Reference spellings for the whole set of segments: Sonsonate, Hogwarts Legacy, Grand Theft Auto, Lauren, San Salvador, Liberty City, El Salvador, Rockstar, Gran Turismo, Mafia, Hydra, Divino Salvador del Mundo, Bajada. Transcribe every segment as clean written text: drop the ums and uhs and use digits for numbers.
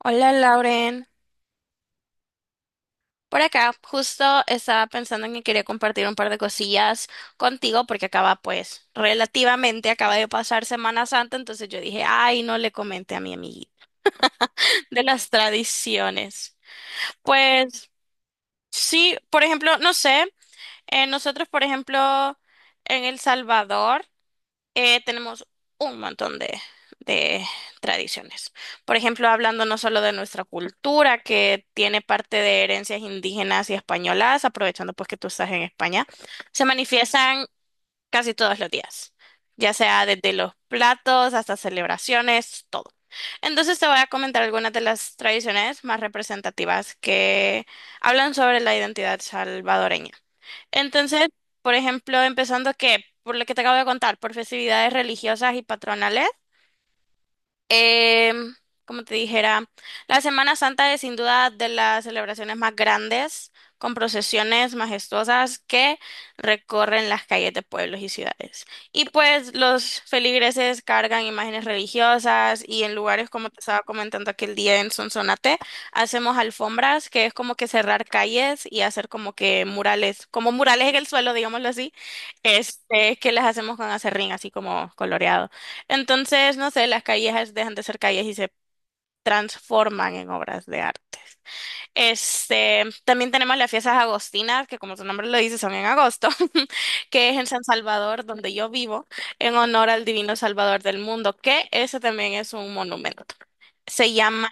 Hola Lauren, por acá justo estaba pensando en que quería compartir un par de cosillas contigo porque acaba, pues relativamente acaba de pasar Semana Santa. Entonces yo dije, ay, no le comenté a mi amiguita de las tradiciones. Pues sí, por ejemplo, no sé, nosotros, por ejemplo, en El Salvador tenemos un montón de tradiciones. Por ejemplo, hablando no solo de nuestra cultura, que tiene parte de herencias indígenas y españolas, aprovechando pues que tú estás en España, se manifiestan casi todos los días, ya sea desde los platos hasta celebraciones, todo. Entonces te voy a comentar algunas de las tradiciones más representativas que hablan sobre la identidad salvadoreña. Entonces, por ejemplo, empezando que, por lo que te acabo de contar, por festividades religiosas y patronales. Em, Como te dijera, la Semana Santa es sin duda de las celebraciones más grandes, con procesiones majestuosas que recorren las calles de pueblos y ciudades. Y pues los feligreses cargan imágenes religiosas, y en lugares como te estaba comentando aquel día en Sonsonate, hacemos alfombras, que es como que cerrar calles y hacer como que murales, como murales en el suelo, digámoslo así, este, que las hacemos con acerrín, así como coloreado. Entonces, no sé, las calles dejan de ser calles y se transforman en obras de arte. Este, también tenemos las fiestas agostinas, que como su nombre lo dice, son en agosto, que es en San Salvador, donde yo vivo, en honor al Divino Salvador del Mundo, que ese también es un monumento. Se llama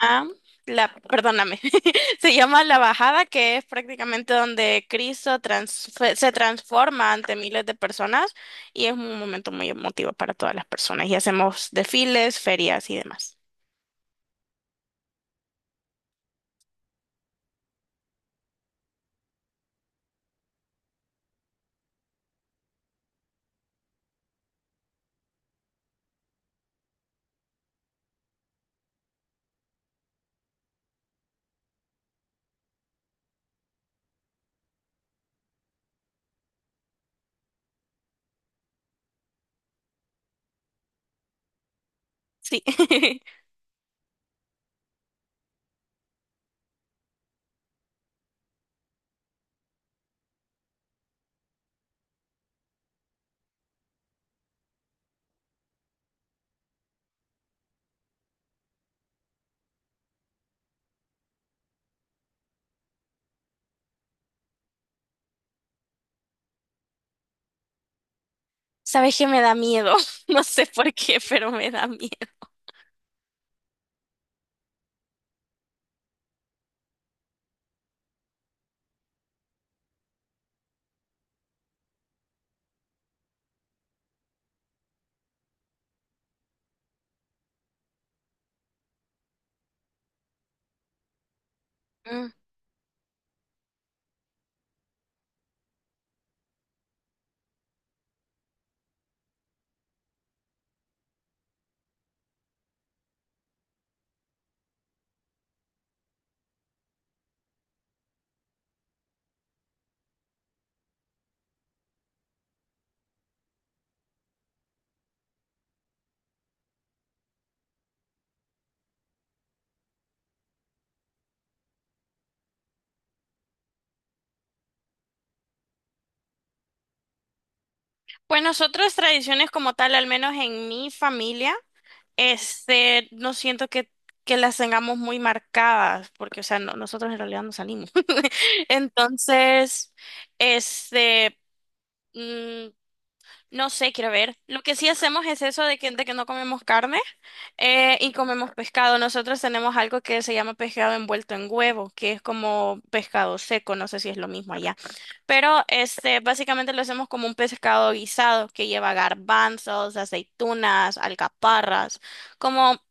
la, perdóname, se llama la Bajada, que es prácticamente donde Cristo se transforma ante miles de personas, y es un momento muy emotivo para todas las personas. Y hacemos desfiles, ferias y demás. Sí. Sabes que me da miedo, no sé por qué, pero me da miedo. Mm. Pues nosotros tradiciones como tal, al menos en mi familia, este, no siento que las tengamos muy marcadas, porque, o sea, nosotros en realidad no salimos. Entonces, este, mm, no sé, quiero ver. Lo que sí hacemos es eso de que no comemos carne. Y comemos pescado. Nosotros tenemos algo que se llama pescado envuelto en huevo, que es como pescado seco, no sé si es lo mismo allá. Pero este, básicamente lo hacemos como un pescado guisado que lleva garbanzos, aceitunas, alcaparras, como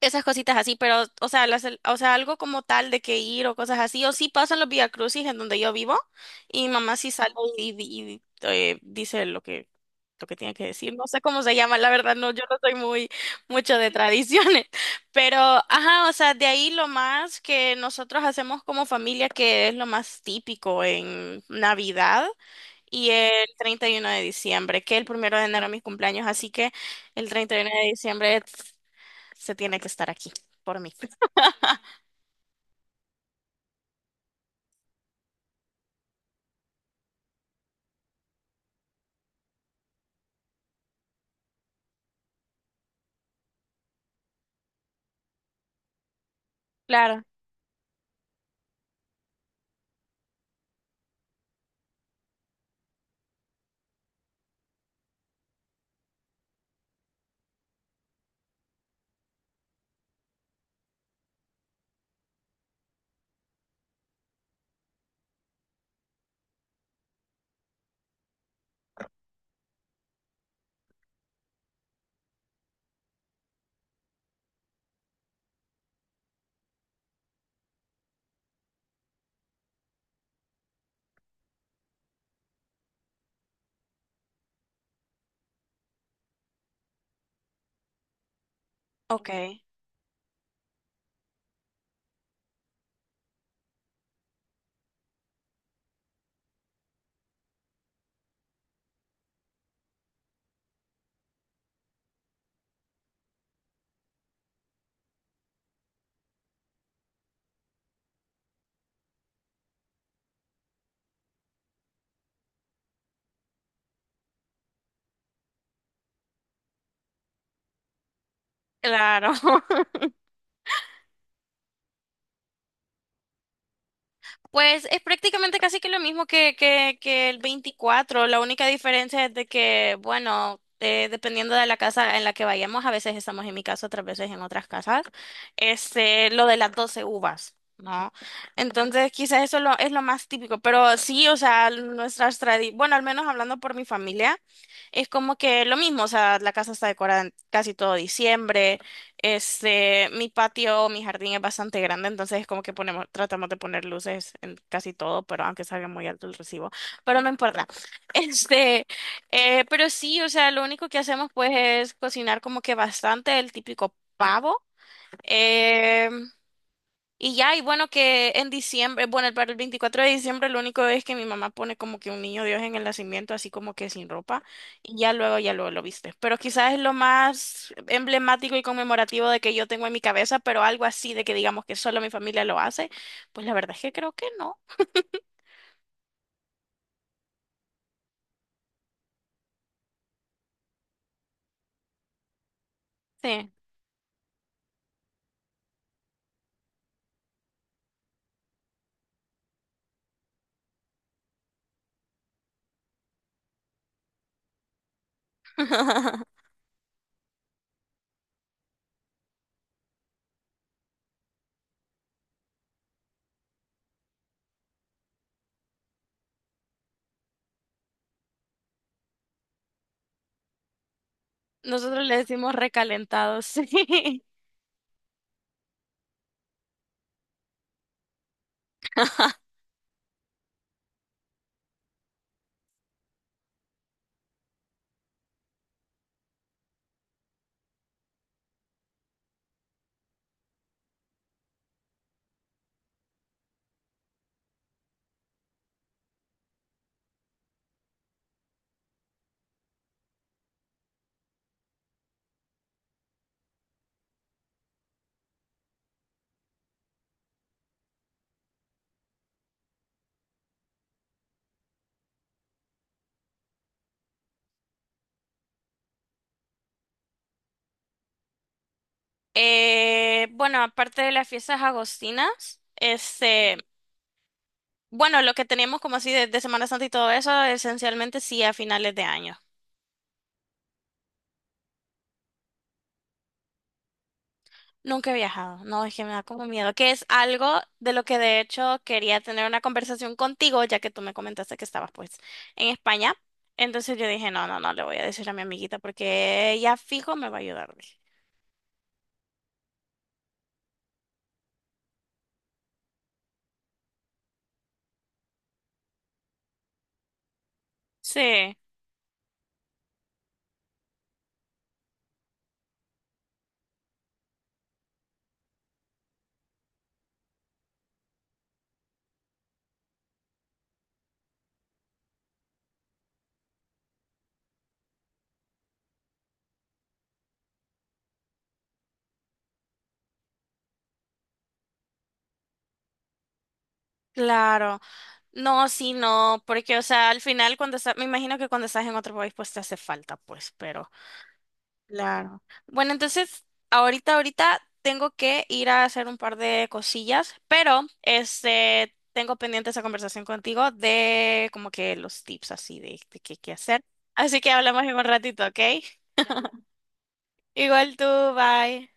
esas cositas así. Pero, o sea, las, o sea, algo como tal de que ir o cosas así, o sí pasan los Vía Crucis en donde yo vivo, y mi mamá sí sale y, dice lo que tiene que decir. No sé cómo se llama, la verdad, no, yo no soy muy, mucho de tradiciones, pero, ajá, o sea, de ahí lo más que nosotros hacemos como familia, que es lo más típico en Navidad. Y el 31 de diciembre, que el primero de enero es mi cumpleaños, así que el treinta y uno de diciembre se tiene que estar aquí por mí. Claro, ok, claro. Pues es prácticamente casi que lo mismo que, que el veinticuatro. La única diferencia es de que, bueno, dependiendo de la casa en la que vayamos, a veces estamos en mi casa, otras veces en otras casas, este, lo de las 12 uvas, ¿no? Entonces, quizás eso lo, es lo más típico. Pero sí, o sea, nuestras tradiciones, bueno, al menos hablando por mi familia, es como que lo mismo, o sea, la casa está decorada en casi todo diciembre. Este, mi patio, mi jardín es bastante grande, entonces es como que ponemos, tratamos de poner luces en casi todo, pero aunque salga muy alto el recibo, pero no importa. Este, pero sí, o sea, lo único que hacemos pues es cocinar como que bastante el típico pavo. em, y ya. Y bueno, que en diciembre, bueno, para el 24 de diciembre lo único es que mi mamá pone como que un niño Dios en el nacimiento, así como que sin ropa, y ya luego lo viste. Pero quizás es lo más emblemático y conmemorativo de que yo tengo en mi cabeza, pero algo así de que digamos que solo mi familia lo hace, pues la verdad es que creo que no. Sí. Nosotros le decimos recalentados, sí. Bueno, aparte de las fiestas agostinas, este... Bueno, lo que teníamos como así de Semana Santa y todo eso, esencialmente sí a finales de año. Nunca he viajado, no, es que me da como miedo, que es algo de lo que de hecho quería tener una conversación contigo, ya que tú me comentaste que estabas pues en España. Entonces yo dije, no, no, no, le voy a decir a mi amiguita porque ella fijo me va a ayudar. Dije. Sí, claro. No, sí, no, porque o sea, al final cuando estás, me imagino que cuando estás en otro país pues te hace falta, pues, pero... Claro. Bueno, entonces, ahorita, ahorita tengo que ir a hacer un par de cosillas, pero este, tengo pendiente esa conversación contigo de como que los tips así de qué qué hacer. Así que hablamos en un ratito, ¿ok? Igual tú, bye.